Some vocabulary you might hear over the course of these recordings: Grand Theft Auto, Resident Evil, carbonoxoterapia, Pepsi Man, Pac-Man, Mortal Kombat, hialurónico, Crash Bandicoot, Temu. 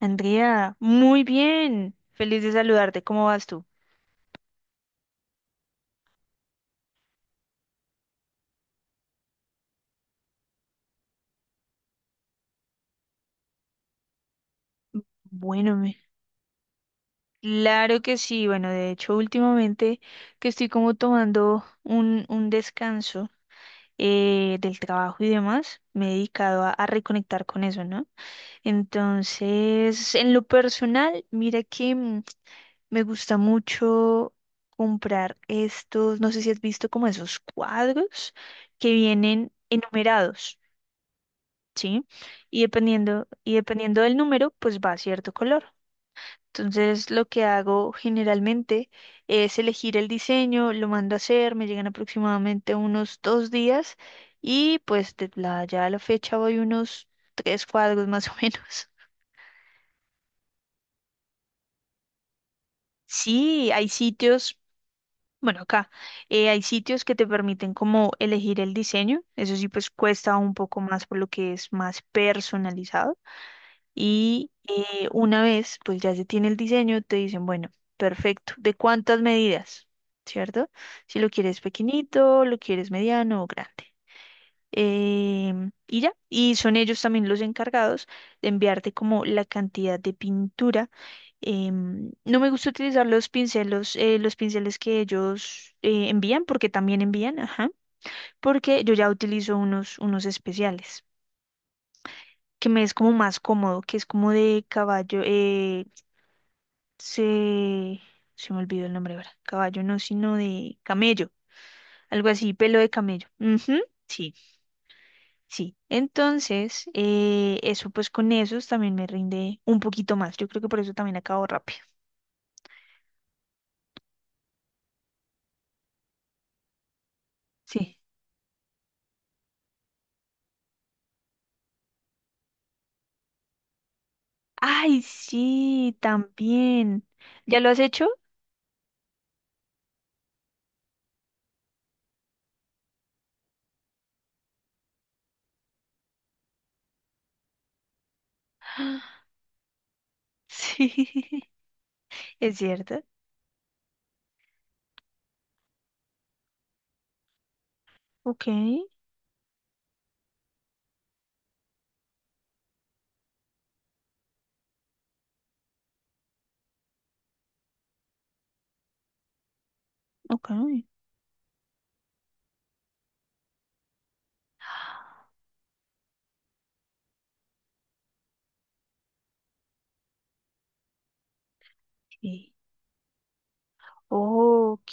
Andrea, muy bien. Feliz de saludarte. ¿Cómo vas tú? Bueno, claro que sí. Bueno, de hecho, últimamente que estoy como tomando un descanso del trabajo y demás, me he dedicado a reconectar con eso, ¿no? Entonces, en lo personal, mira que me gusta mucho comprar estos, no sé si has visto como esos cuadros que vienen enumerados. ¿Sí? Y dependiendo del número, pues va a cierto color. Entonces, lo que hago generalmente es elegir el diseño, lo mando a hacer, me llegan aproximadamente unos 2 días y pues ya a la fecha voy unos tres cuadros más o menos. Sí, hay sitios, bueno, acá hay sitios que te permiten como elegir el diseño, eso sí, pues cuesta un poco más por lo que es más personalizado. Y una vez, pues ya se tiene el diseño, te dicen, bueno, perfecto, ¿de cuántas medidas? ¿Cierto? Si lo quieres pequeñito, lo quieres mediano o grande. Y ya, y son ellos también los encargados de enviarte como la cantidad de pintura. No me gusta utilizar los pinceles que ellos envían, porque también envían, ajá, porque yo ya utilizo unos especiales que me es como más cómodo, que es como de caballo, se, se me olvidó el nombre ahora, caballo no, sino de camello, algo así, pelo de camello. Ujú, sí, sí. Entonces, eso pues con esos también me rinde un poquito más. Yo creo que por eso también acabo rápido. Sí. Ay, sí, también. ¿Ya lo has hecho? Sí, es cierto. Ok, ok. Sí. Ok.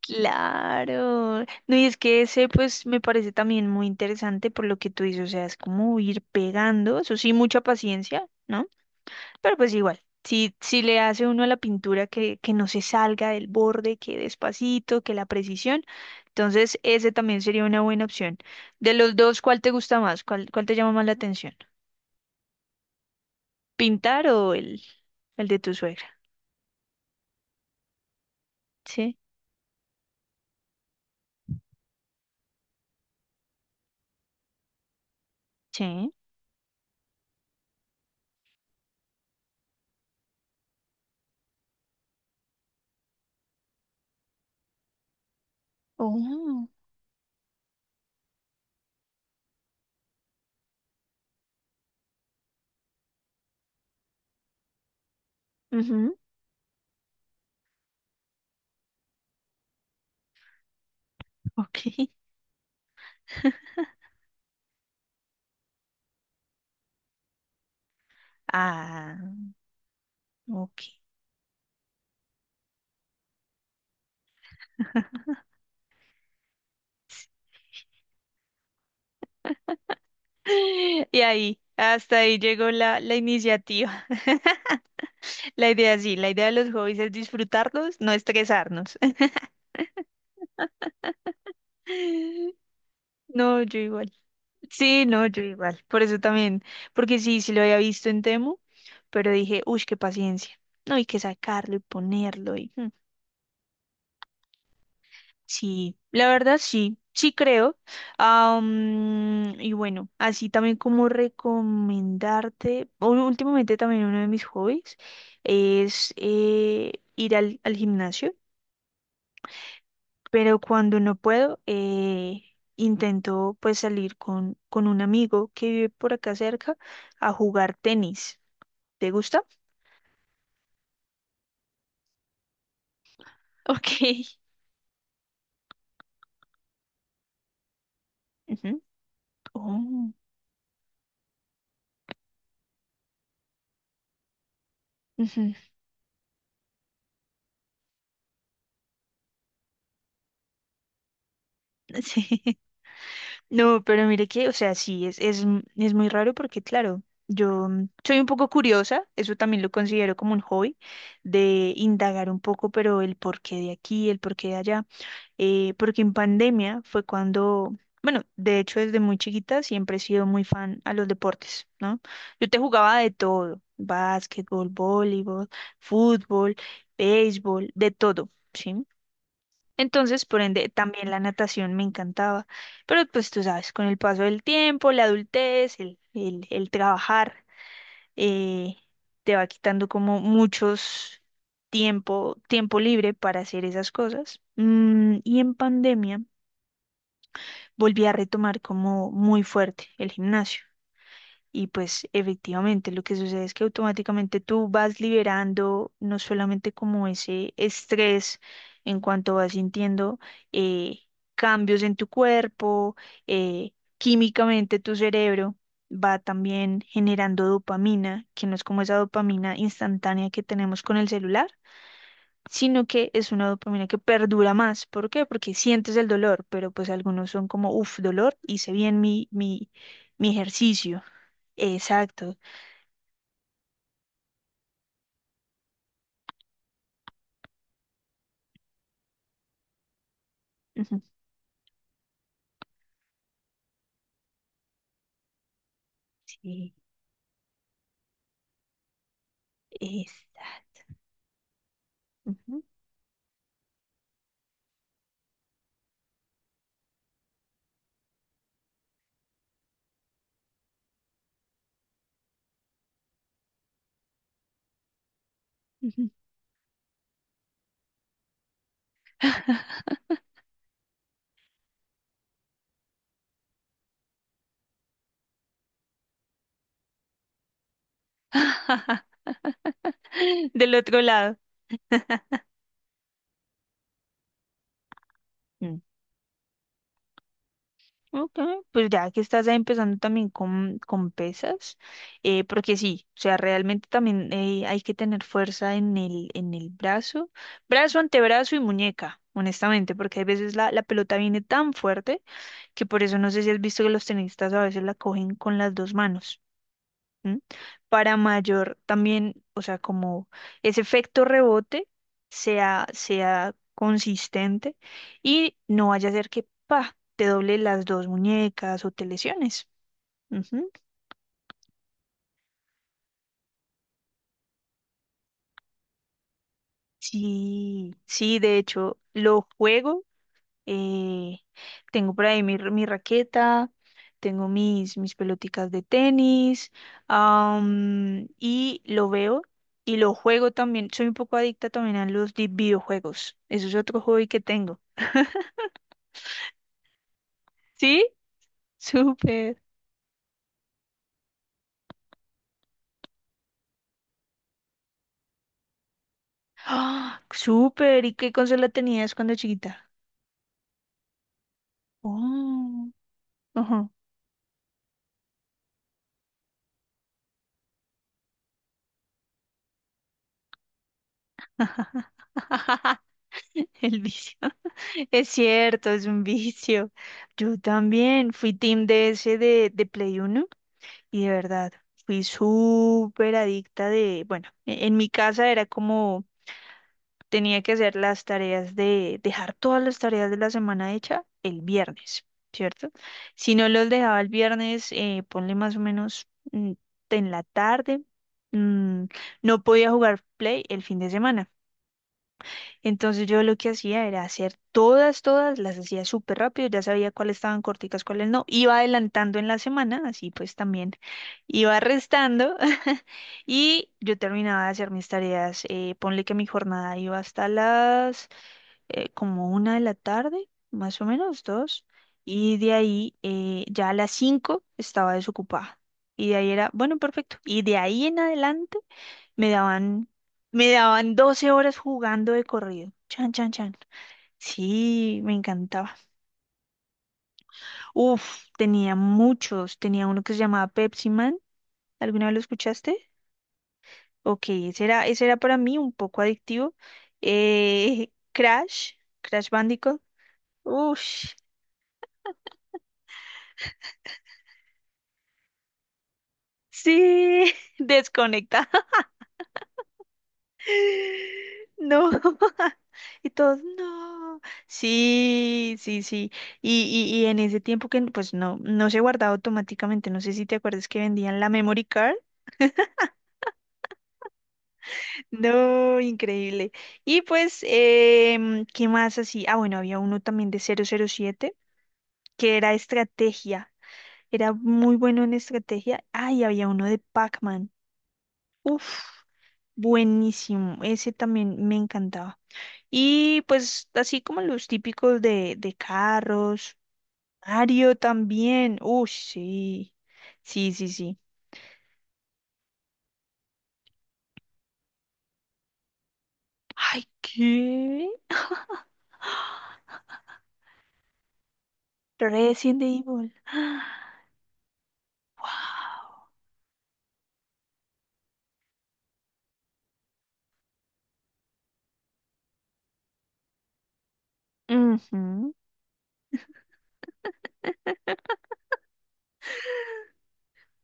Claro. No, y es que ese pues me parece también muy interesante por lo que tú dices, o sea, es como ir pegando, eso sí, mucha paciencia, ¿no? Pero pues igual, si le hace uno a la pintura que no se salga del borde, que despacito, que la precisión, entonces ese también sería una buena opción. De los dos, ¿cuál te gusta más? ¿Cuál te llama más la atención? ¿Pintar o el de tu suegra? Sí, sí. Oh, ujú, ok. Ah, ok. Y ahí, hasta ahí llegó la iniciativa. La idea sí, la idea de los hobbies es disfrutarlos, no estresarnos. No, yo igual. Sí, no, yo igual. Por eso también, porque sí, sí lo había visto en Temu, pero dije, uy, qué paciencia. No hay que sacarlo y ponerlo y. Sí, la verdad sí, sí creo. Y bueno, así también como recomendarte, últimamente también uno de mis hobbies es ir al gimnasio, pero cuando no puedo, intento pues salir con un amigo que vive por acá cerca a jugar tenis. ¿Te gusta? Ok. Ujú. Oh, ujú. Sí. No, pero mire que, o sea, sí, es muy raro porque, claro, yo soy un poco curiosa, eso también lo considero como un hobby, de indagar un poco, pero el porqué de aquí, el porqué de allá, porque en pandemia fue cuando, bueno, de hecho desde muy chiquita siempre he sido muy fan a los deportes, ¿no? Yo te jugaba de todo, básquetbol, voleibol, fútbol, béisbol, de todo. ¿Sí? Entonces, por ende, también la natación me encantaba. Pero pues tú sabes, con el paso del tiempo, la adultez, el trabajar, eh, te va quitando como muchos tiempo libre para hacer esas cosas. Y en pandemia volví a retomar como muy fuerte el gimnasio. Y pues efectivamente lo que sucede es que automáticamente tú vas liberando no solamente como ese estrés en cuanto vas sintiendo eh, cambios en tu cuerpo, eh, químicamente tu cerebro va también generando dopamina, que no es como esa dopamina instantánea que tenemos con el celular, sino que es una dopamina que perdura más. ¿Por qué? Porque sientes el dolor, pero pues algunos son como, uff, dolor, hice bien mi ejercicio. Exacto, ujú. Sí, exacto. Ujú, ujú. Del otro lado. Mm. Ok, pues ya que estás ahí empezando también con pesas, porque sí, o sea, realmente también hay que tener fuerza en el brazo, antebrazo y muñeca, honestamente, porque a veces la pelota viene tan fuerte que por eso no sé si has visto que los tenistas a veces la cogen con las dos manos. ¿M? Para mayor también, o sea, como ese efecto rebote sea consistente y no vaya a ser que, pa, te doble las dos muñecas o te lesiones. Ujú. Sí, sí, de hecho, lo juego. Eh, Tengo por ahí mi raqueta, tengo mis peloticas de tenis, y lo veo y lo juego también. Soy un poco adicta también a los videojuegos. Eso es otro hobby que tengo. ¿Sí? Súper. ¡Ah! Súper. ¿Y qué consola tenías cuando chiquita? Oh, ajá. El vicio. Es cierto, es un vicio. Yo también fui team DS de Play Uno. Y de verdad, fui súper adicta bueno, en mi casa era como tenía que hacer las tareas de, dejar todas las tareas de la semana hecha el viernes, ¿cierto? Si no los dejaba el viernes, ponle más o menos en la tarde, mm, no podía jugar Play el fin de semana. Entonces yo lo que hacía era hacer todas, las hacía súper rápido, ya sabía cuáles estaban corticas, cuáles no. Iba adelantando en la semana, así pues también iba restando. Y yo terminaba de hacer mis tareas. Ponle que mi jornada iba hasta las como 1 de la tarde, más o menos, dos. Y de ahí ya a las 5 estaba desocupada. Y de ahí era, bueno, perfecto. Y de ahí en adelante. Me daban, me daban 12 horas jugando de corrido. Chan, chan, chan. Sí, me encantaba. Uf, tenía muchos. Tenía uno que se llamaba Pepsi Man. ¿Alguna vez lo escuchaste? Ok, ese era, para mí un poco adictivo. Eh, Crash, Crash Bandicoot. Uf, sí, desconectado. No. Y todos, no. Sí, sí, sí. Y en ese tiempo que pues no se guardaba automáticamente. No sé si te acuerdas que vendían la memory card. No, increíble. Y pues, ¿qué más así? Ah, bueno, había uno también de 007 que era estrategia. Era muy bueno en estrategia. Ah, y había uno de Pac-Man. Uf, buenísimo. Ese también me encantaba. Y pues así como los típicos de carros, Mario también. Uy, sí. Sí, sí, sí. Ay, ¿qué? Resident Evil. Wow.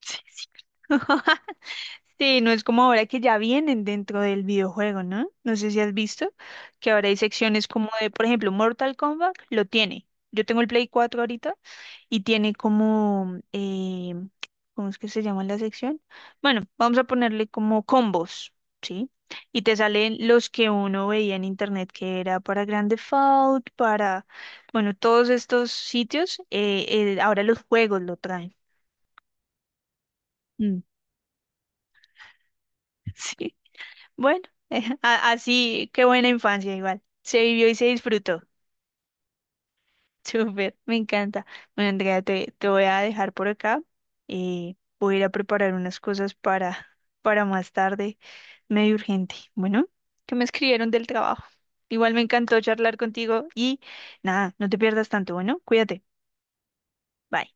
Sí, sí. Sí, no es como ahora que ya vienen dentro del videojuego, ¿no? No sé si has visto que ahora hay secciones como de, por ejemplo, Mortal Kombat lo tiene. Yo tengo el Play 4 ahorita y tiene como, ¿cómo es que se llama la sección? Bueno, vamos a ponerle como combos, ¿sí? Y te salen los que uno veía en internet que era para Grand Theft Auto, para, bueno, todos estos sitios, ahora los juegos lo traen. Mm, Sí, bueno, así, qué buena infancia igual. Se vivió y se disfrutó. Súper, me encanta. Bueno, Andrea, te voy a dejar por acá y voy a ir a preparar unas cosas para más tarde, medio urgente. Bueno, que me escribieron del trabajo. Igual me encantó charlar contigo y nada, no te pierdas tanto. Bueno, cuídate. Bye.